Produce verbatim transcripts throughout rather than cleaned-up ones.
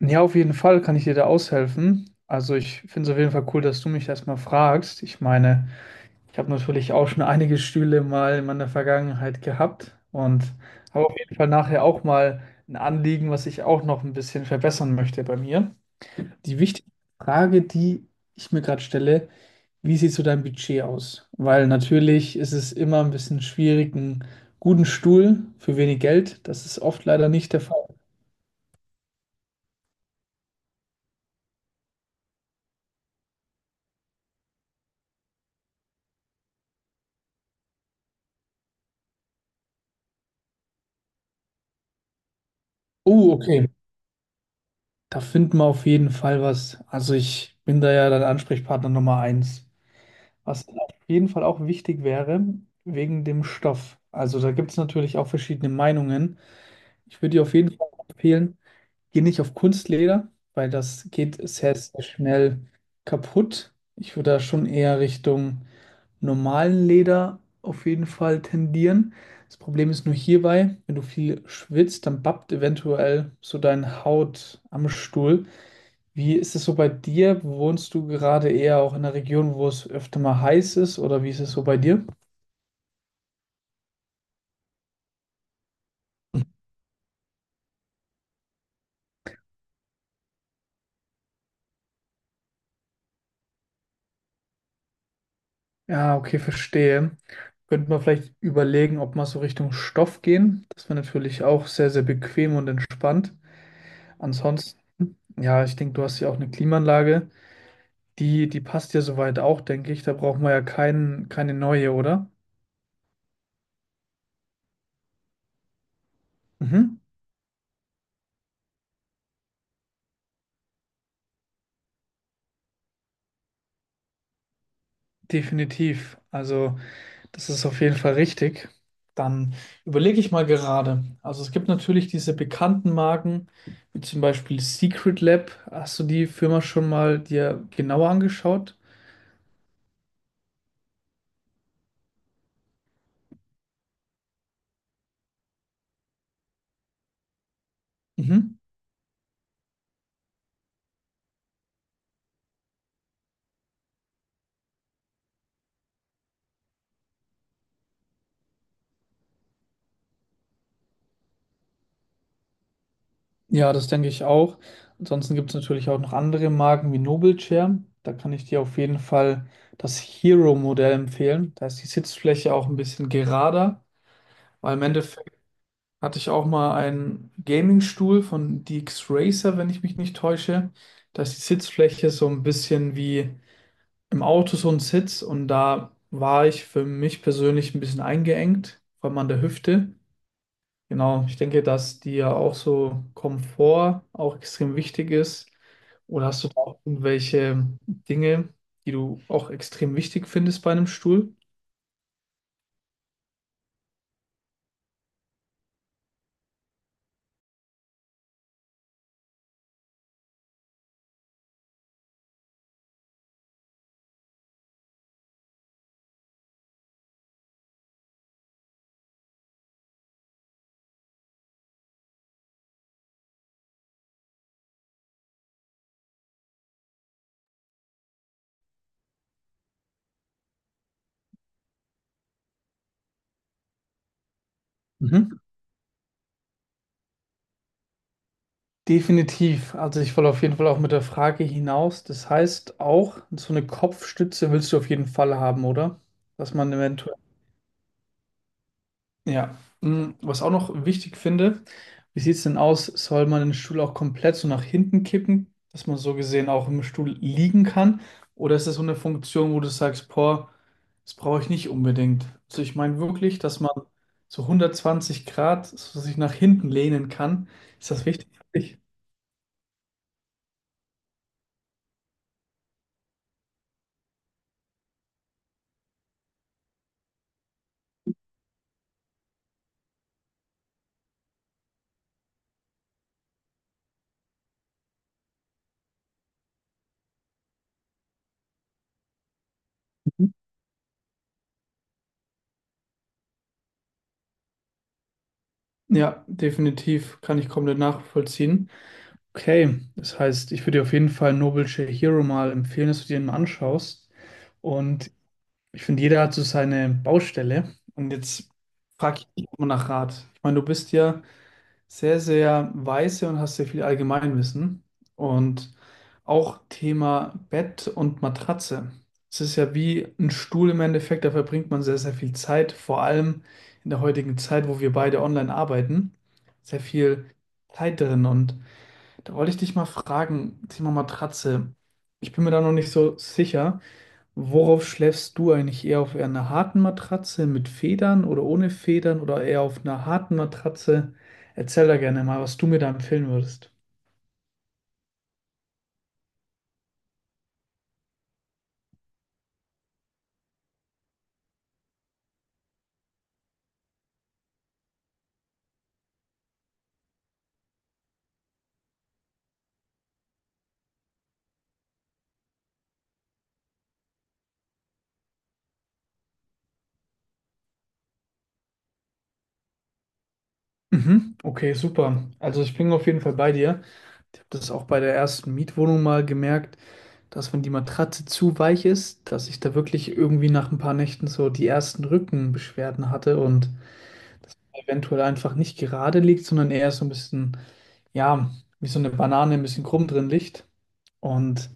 Ja, auf jeden Fall kann ich dir da aushelfen. Also ich finde es auf jeden Fall cool, dass du mich das mal fragst. Ich meine, ich habe natürlich auch schon einige Stühle mal in meiner Vergangenheit gehabt und habe auf jeden Fall nachher auch mal ein Anliegen, was ich auch noch ein bisschen verbessern möchte bei mir. Die wichtige Frage, die ich mir gerade stelle: Wie sieht so dein Budget aus? Weil natürlich ist es immer ein bisschen schwierig, einen guten Stuhl für wenig Geld. Das ist oft leider nicht der Fall. Oh, okay. Da finden wir auf jeden Fall was. Also ich bin da ja dann Ansprechpartner Nummer eins. Was auf jeden Fall auch wichtig wäre, wegen dem Stoff. Also da gibt es natürlich auch verschiedene Meinungen. Ich würde dir auf jeden Fall empfehlen, geh nicht auf Kunstleder, weil das geht sehr, sehr schnell kaputt. Ich würde da schon eher Richtung normalen Leder auf jeden Fall tendieren. Das Problem ist nur hierbei, wenn du viel schwitzt, dann bappt eventuell so deine Haut am Stuhl. Wie ist es so bei dir? Wohnst du gerade eher auch in einer Region, wo es öfter mal heiß ist, oder wie ist es so bei dir? Ja, okay, verstehe. Könnte man vielleicht überlegen, ob man so Richtung Stoff gehen. Das wäre natürlich auch sehr, sehr bequem und entspannt. Ansonsten, ja, ich denke, du hast ja auch eine Klimaanlage. Die, die passt ja soweit auch, denke ich. Da brauchen wir ja keine neue, oder? Mhm. Definitiv. Also. Das ist auf jeden Fall richtig. Dann überlege ich mal gerade. Also es gibt natürlich diese bekannten Marken, wie zum Beispiel Secret Lab. Hast du die Firma schon mal dir genauer angeschaut? Mhm. Ja, das denke ich auch. Ansonsten gibt es natürlich auch noch andere Marken wie Noble Chair. Da kann ich dir auf jeden Fall das Hero-Modell empfehlen. Da ist die Sitzfläche auch ein bisschen gerader, weil im Endeffekt hatte ich auch mal einen Gaming-Stuhl von D X Racer, wenn ich mich nicht täusche. Da ist die Sitzfläche so ein bisschen wie im Auto so ein Sitz und da war ich für mich persönlich ein bisschen eingeengt, vor allem an der Hüfte. Genau, ich denke, dass dir auch so Komfort auch extrem wichtig ist. Oder hast du da auch irgendwelche Dinge, die du auch extrem wichtig findest bei einem Stuhl? Mhm. Definitiv. Also ich will auf jeden Fall auch mit der Frage hinaus. Das heißt auch, so eine Kopfstütze willst du auf jeden Fall haben, oder? Dass man eventuell. Ja. Hm, was auch noch wichtig finde, wie sieht es denn aus? Soll man den Stuhl auch komplett so nach hinten kippen, dass man so gesehen auch im Stuhl liegen kann? Oder ist das so eine Funktion, wo du sagst, boah, das brauche ich nicht unbedingt? Also ich meine wirklich, dass man so hundertzwanzig Grad so sich nach hinten lehnen kann. Ist das wichtig für dich? Ja, definitiv kann ich komplett nachvollziehen. Okay, das heißt, ich würde dir auf jeden Fall Noble Hero mal empfehlen, dass du dir den mal anschaust. Und ich finde, jeder hat so seine Baustelle. Und jetzt frage ich dich mal nach Rat. Ich meine, du bist ja sehr, sehr weise und hast sehr viel Allgemeinwissen. Und auch Thema Bett und Matratze. Es ist ja wie ein Stuhl im Endeffekt, da verbringt man sehr, sehr viel Zeit, vor allem in der heutigen Zeit, wo wir beide online arbeiten, sehr viel Zeit drin. Und da wollte ich dich mal fragen, Thema Matratze. Ich bin mir da noch nicht so sicher. Worauf schläfst du eigentlich? Eher auf einer harten Matratze mit Federn oder ohne Federn oder eher auf einer harten Matratze? Erzähl da gerne mal, was du mir da empfehlen würdest. Mhm. Okay, super. Also ich bin auf jeden Fall bei dir. Ich habe das auch bei der ersten Mietwohnung mal gemerkt, dass wenn die Matratze zu weich ist, dass ich da wirklich irgendwie nach ein paar Nächten so die ersten Rückenbeschwerden hatte und das eventuell einfach nicht gerade liegt, sondern eher so ein bisschen, ja, wie so eine Banane ein bisschen krumm drin liegt. Und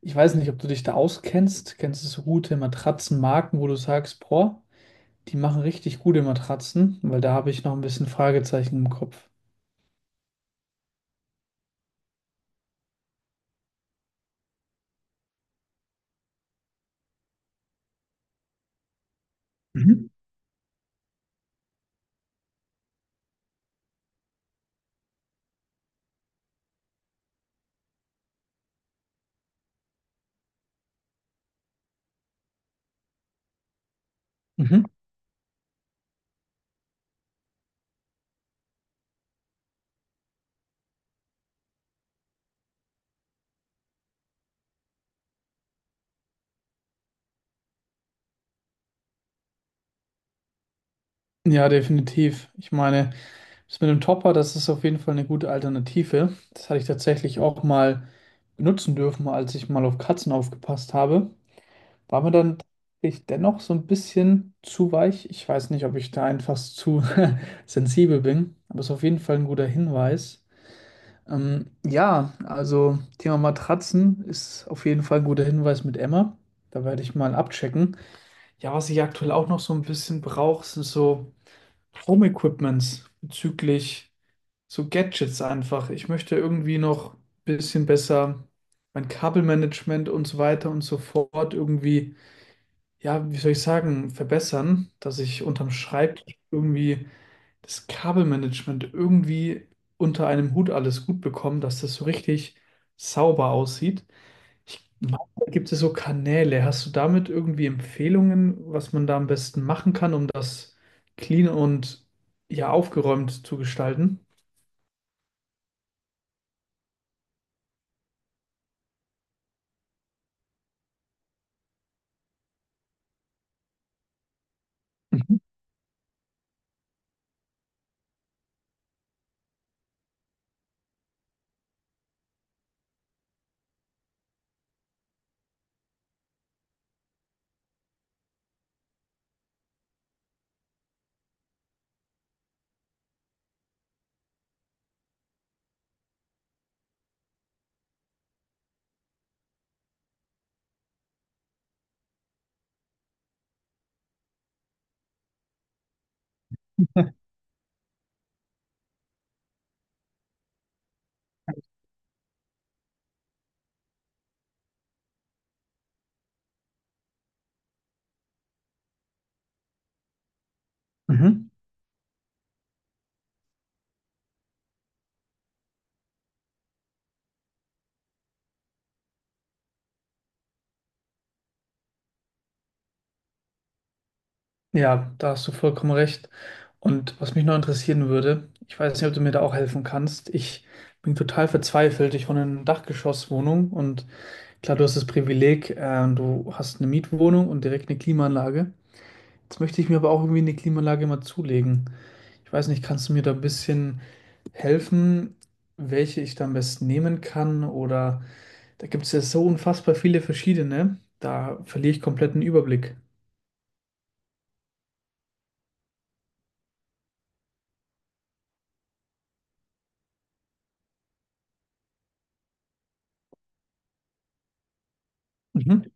ich weiß nicht, ob du dich da auskennst. Kennst du so gute Matratzenmarken, wo du sagst, boah, die machen richtig gute Matratzen, weil da habe ich noch ein bisschen Fragezeichen im Kopf. Mhm. Mhm. Ja, definitiv. Ich meine, das mit dem Topper, das ist auf jeden Fall eine gute Alternative. Das hatte ich tatsächlich auch mal benutzen dürfen, als ich mal auf Katzen aufgepasst habe. War mir dann tatsächlich dennoch so ein bisschen zu weich. Ich weiß nicht, ob ich da einfach zu sensibel bin, aber es ist auf jeden Fall ein guter Hinweis. Ähm, ja, also Thema Matratzen ist auf jeden Fall ein guter Hinweis mit Emma. Da werde ich mal abchecken. Ja, was ich aktuell auch noch so ein bisschen brauche, sind so Home-Equipments bezüglich so Gadgets einfach. Ich möchte irgendwie noch ein bisschen besser mein Kabelmanagement und so weiter und so fort irgendwie, ja, wie soll ich sagen, verbessern, dass ich unterm Schreibtisch irgendwie das Kabelmanagement irgendwie unter einem Hut alles gut bekommen, dass das so richtig sauber aussieht. Ich meine, da gibt es so Kanäle. Hast du damit irgendwie Empfehlungen, was man da am besten machen kann, um das clean und ja aufgeräumt zu gestalten? Mhm. Mhm. Ja, da hast du vollkommen recht. Und was mich noch interessieren würde, ich weiß nicht, ob du mir da auch helfen kannst. Ich bin total verzweifelt. Ich wohne in einer Dachgeschosswohnung und klar, du hast das Privileg, ähm, du hast eine Mietwohnung und direkt eine Klimaanlage. Jetzt möchte ich mir aber auch irgendwie eine Klimaanlage mal zulegen. Ich weiß nicht, kannst du mir da ein bisschen helfen, welche ich da am besten nehmen kann? Oder da gibt es ja so unfassbar viele verschiedene. Da verliere ich komplett den Überblick. Mhm.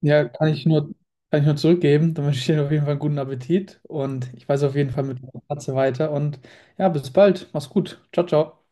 Ja, kann ich nur, kann ich nur zurückgeben. Dann wünsche ich dir auf jeden Fall einen guten Appetit und ich weiß auf jeden Fall mit der Katze weiter. Und ja, bis bald. Mach's gut. Ciao, ciao.